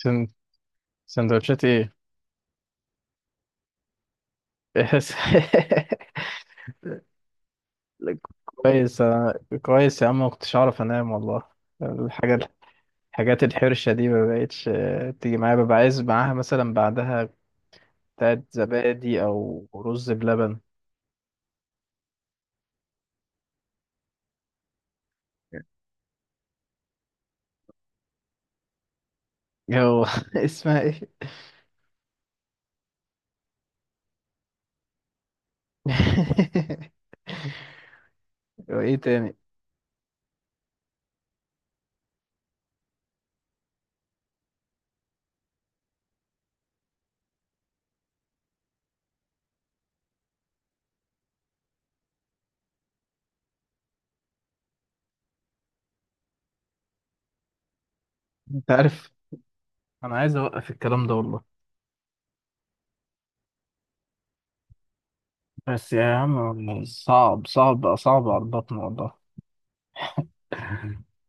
سن- سندوتشات ايه؟ إحس- كويس، أنا كويس يا عم، ما كنتش اعرف انام والله. الحاجات الحاجات الحرشة دي ما بقتش. تيجي معايا ببقى عايز معاها مثلا بعدها بتاعت زبادي او رز بلبن. جو. اسمها ايه؟ وايه تاني؟ انت عارف، انا عايز اوقف الكلام ده والله. بس يا عم والله صعب صعب صعب على البطن والله.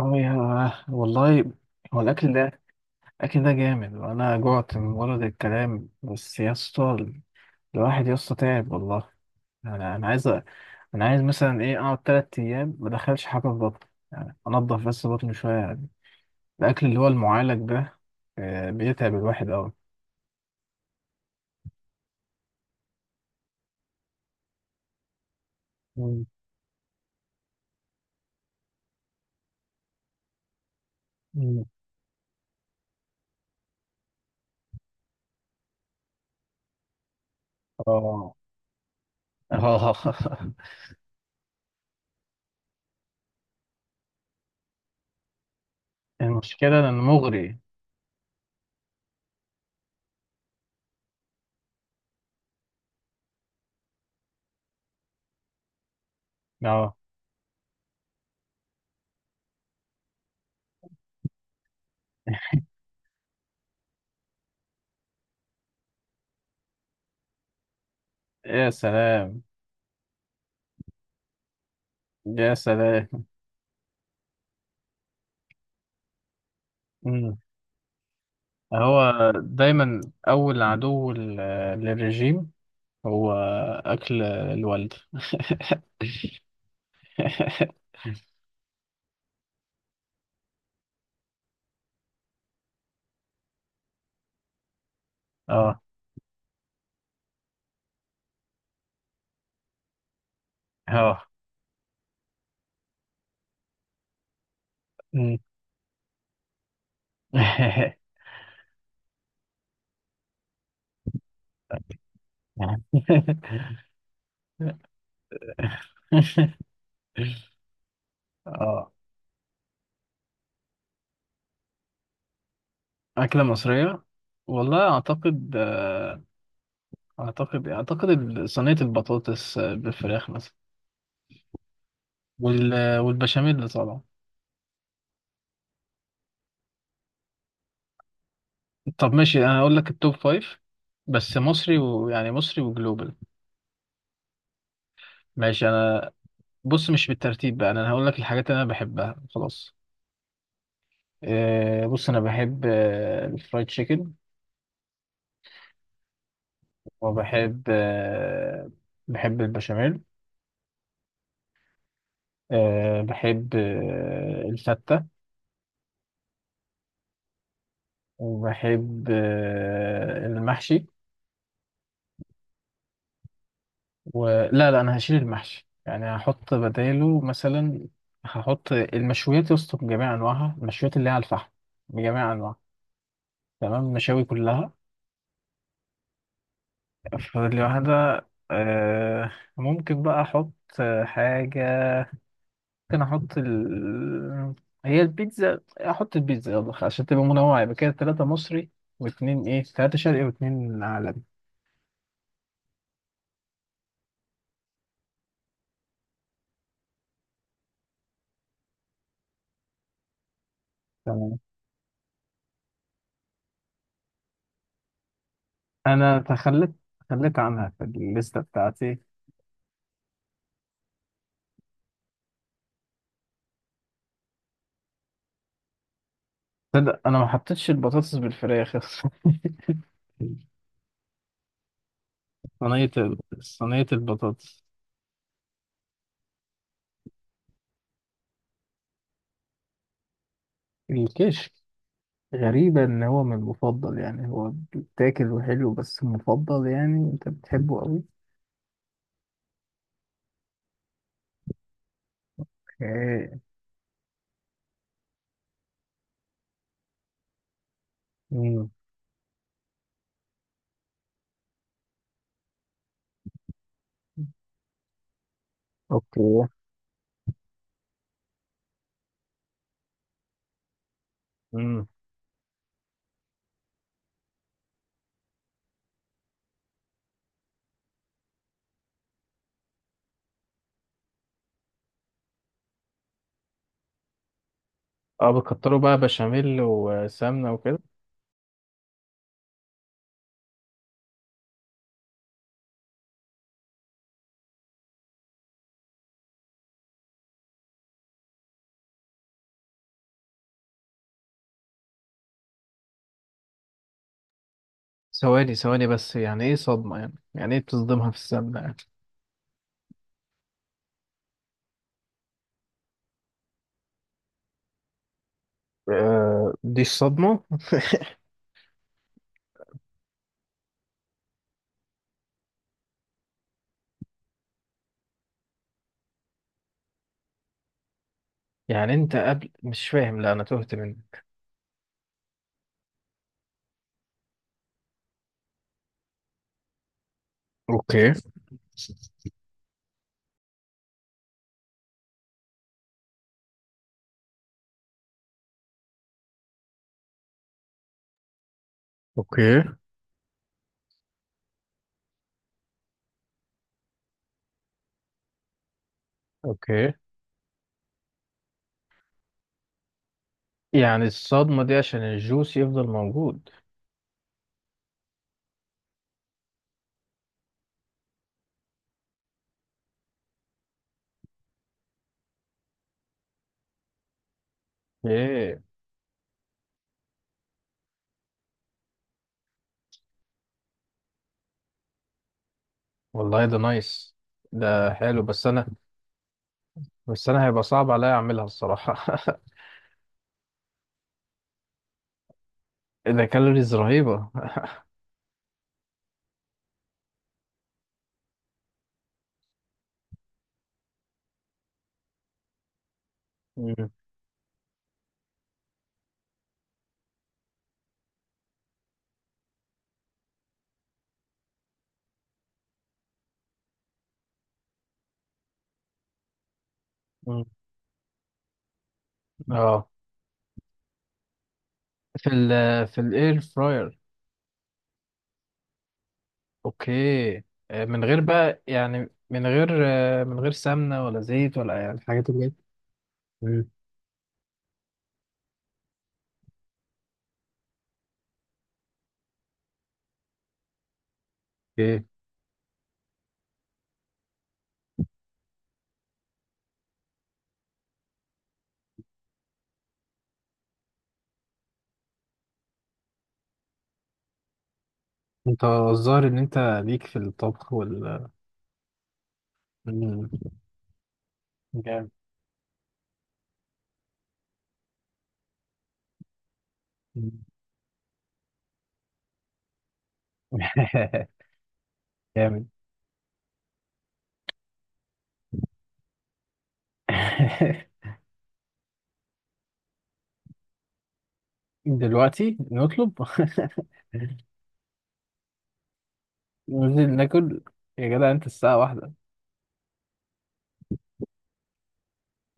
هو يا، والله، هو الاكل ده أكيد ده جامد، وأنا جعت من ورد الكلام بس يا اسطى. الواحد يا اسطى تعب والله. أنا عايز أنا عايز مثلا إيه أقعد 3 أيام ما أدخلش حاجة في بطني، يعني أنضف بس بطني شوية يعني. الأكل اللي هو المعالج ده بيتعب الواحد أوي. مم. مم. آه. آه. المشكلة إنه مغري. آه. يا سلام. يا سلام. مم. هو دايما أول عدو للرجيم هو أكل الوالد. اه، اه. مم. اه. أكلة مصرية، والله أعتقد. أعتقد صينية البطاطس بالفراخ مثلا. وال... والبشاميل طبعا. طب ماشي، أنا هقول لك التوب فايف بس مصري، ويعني مصري وجلوبال. ماشي. أنا بص، مش بالترتيب بقى، أنا هقول لك الحاجات اللي أنا بحبها خلاص. بص أنا بحب الفرايد تشيكن. وبحب آه، بحب البشاميل. بحب الفتة. وبحب المحشي. ولا لا، لا، أنا هشيل المحشي، يعني هحط بداله مثلا هحط المشويات يا اسطى بجميع أنواعها، المشويات اللي هي على الفحم بجميع أنواعها. تمام، المشاوي كلها. فاضل لي واحدة. آه، ممكن بقى أحط حاجة، ممكن احط هي البيتزا، احط البيتزا، يلا عشان تبقى منوعة. يبقى كده ثلاثة مصري واثنين ايه ثلاثة شرقي واثنين عالمي. تمام. انا تخليت عنها في الليستة بتاعتي. تصدق انا ما حطيتش البطاطس بالفراخ؟ صينية البطاطس. الكشك. غريبة ان هو من المفضل، يعني هو بيتاكل وحلو، بس مفضل، يعني انت بتحبه قوي؟ اوكي. مم. اوكي. مم. اه، بتكتروا بقى بشاميل وسمنة وكده. ثواني ثواني بس، يعني ايه صدمة؟ يعني ايه بتصدمها في السمنة يعني؟ آه، دي صدمة. يعني انت قبل مش فاهم، لا انا تهت منك. اوكي، اوكي، اوكي. يعني الصدمة دي عشان الجوس يفضل موجود؟ ايه؟ والله ده نايس، ده حلو. بس انا هيبقى صعب عليا اعملها الصراحة. ده كالوريز رهيبة. مم. مم. اه، في ال في الاير فراير. اوكي. من غير بقى، يعني من غير من غير سمنة ولا زيت، ولا يعني الحاجات اللي جاية. مم. اوكي. انت الظاهر ان انت ليك في الطبخ وال... مم. جامد. مم. جامد. دلوقتي نطلب؟ ننزل ناكل؟ يا جدع انت الساعة واحدة.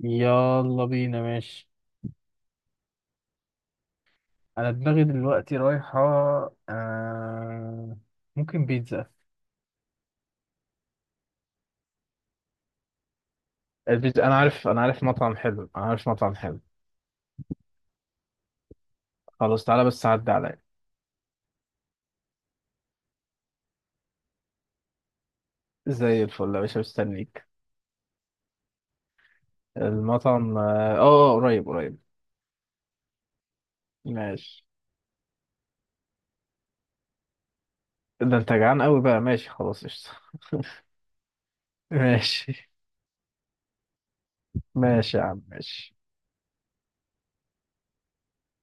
يلا بينا، ماشي. انا دماغي دلوقتي رايحة آه... ممكن بيتزا. البيتزا، انا عارف مطعم حلو، انا عارف مطعم حلو. خلاص، تعالى بس عدى عليا. زي الفل يا باشا، مستنيك. المطعم، قريب قريب. ماشي. ده انت جعان قوي بقى، ماشي خلاص، قشطة. ماشي، ماشي يا عم، ماشي.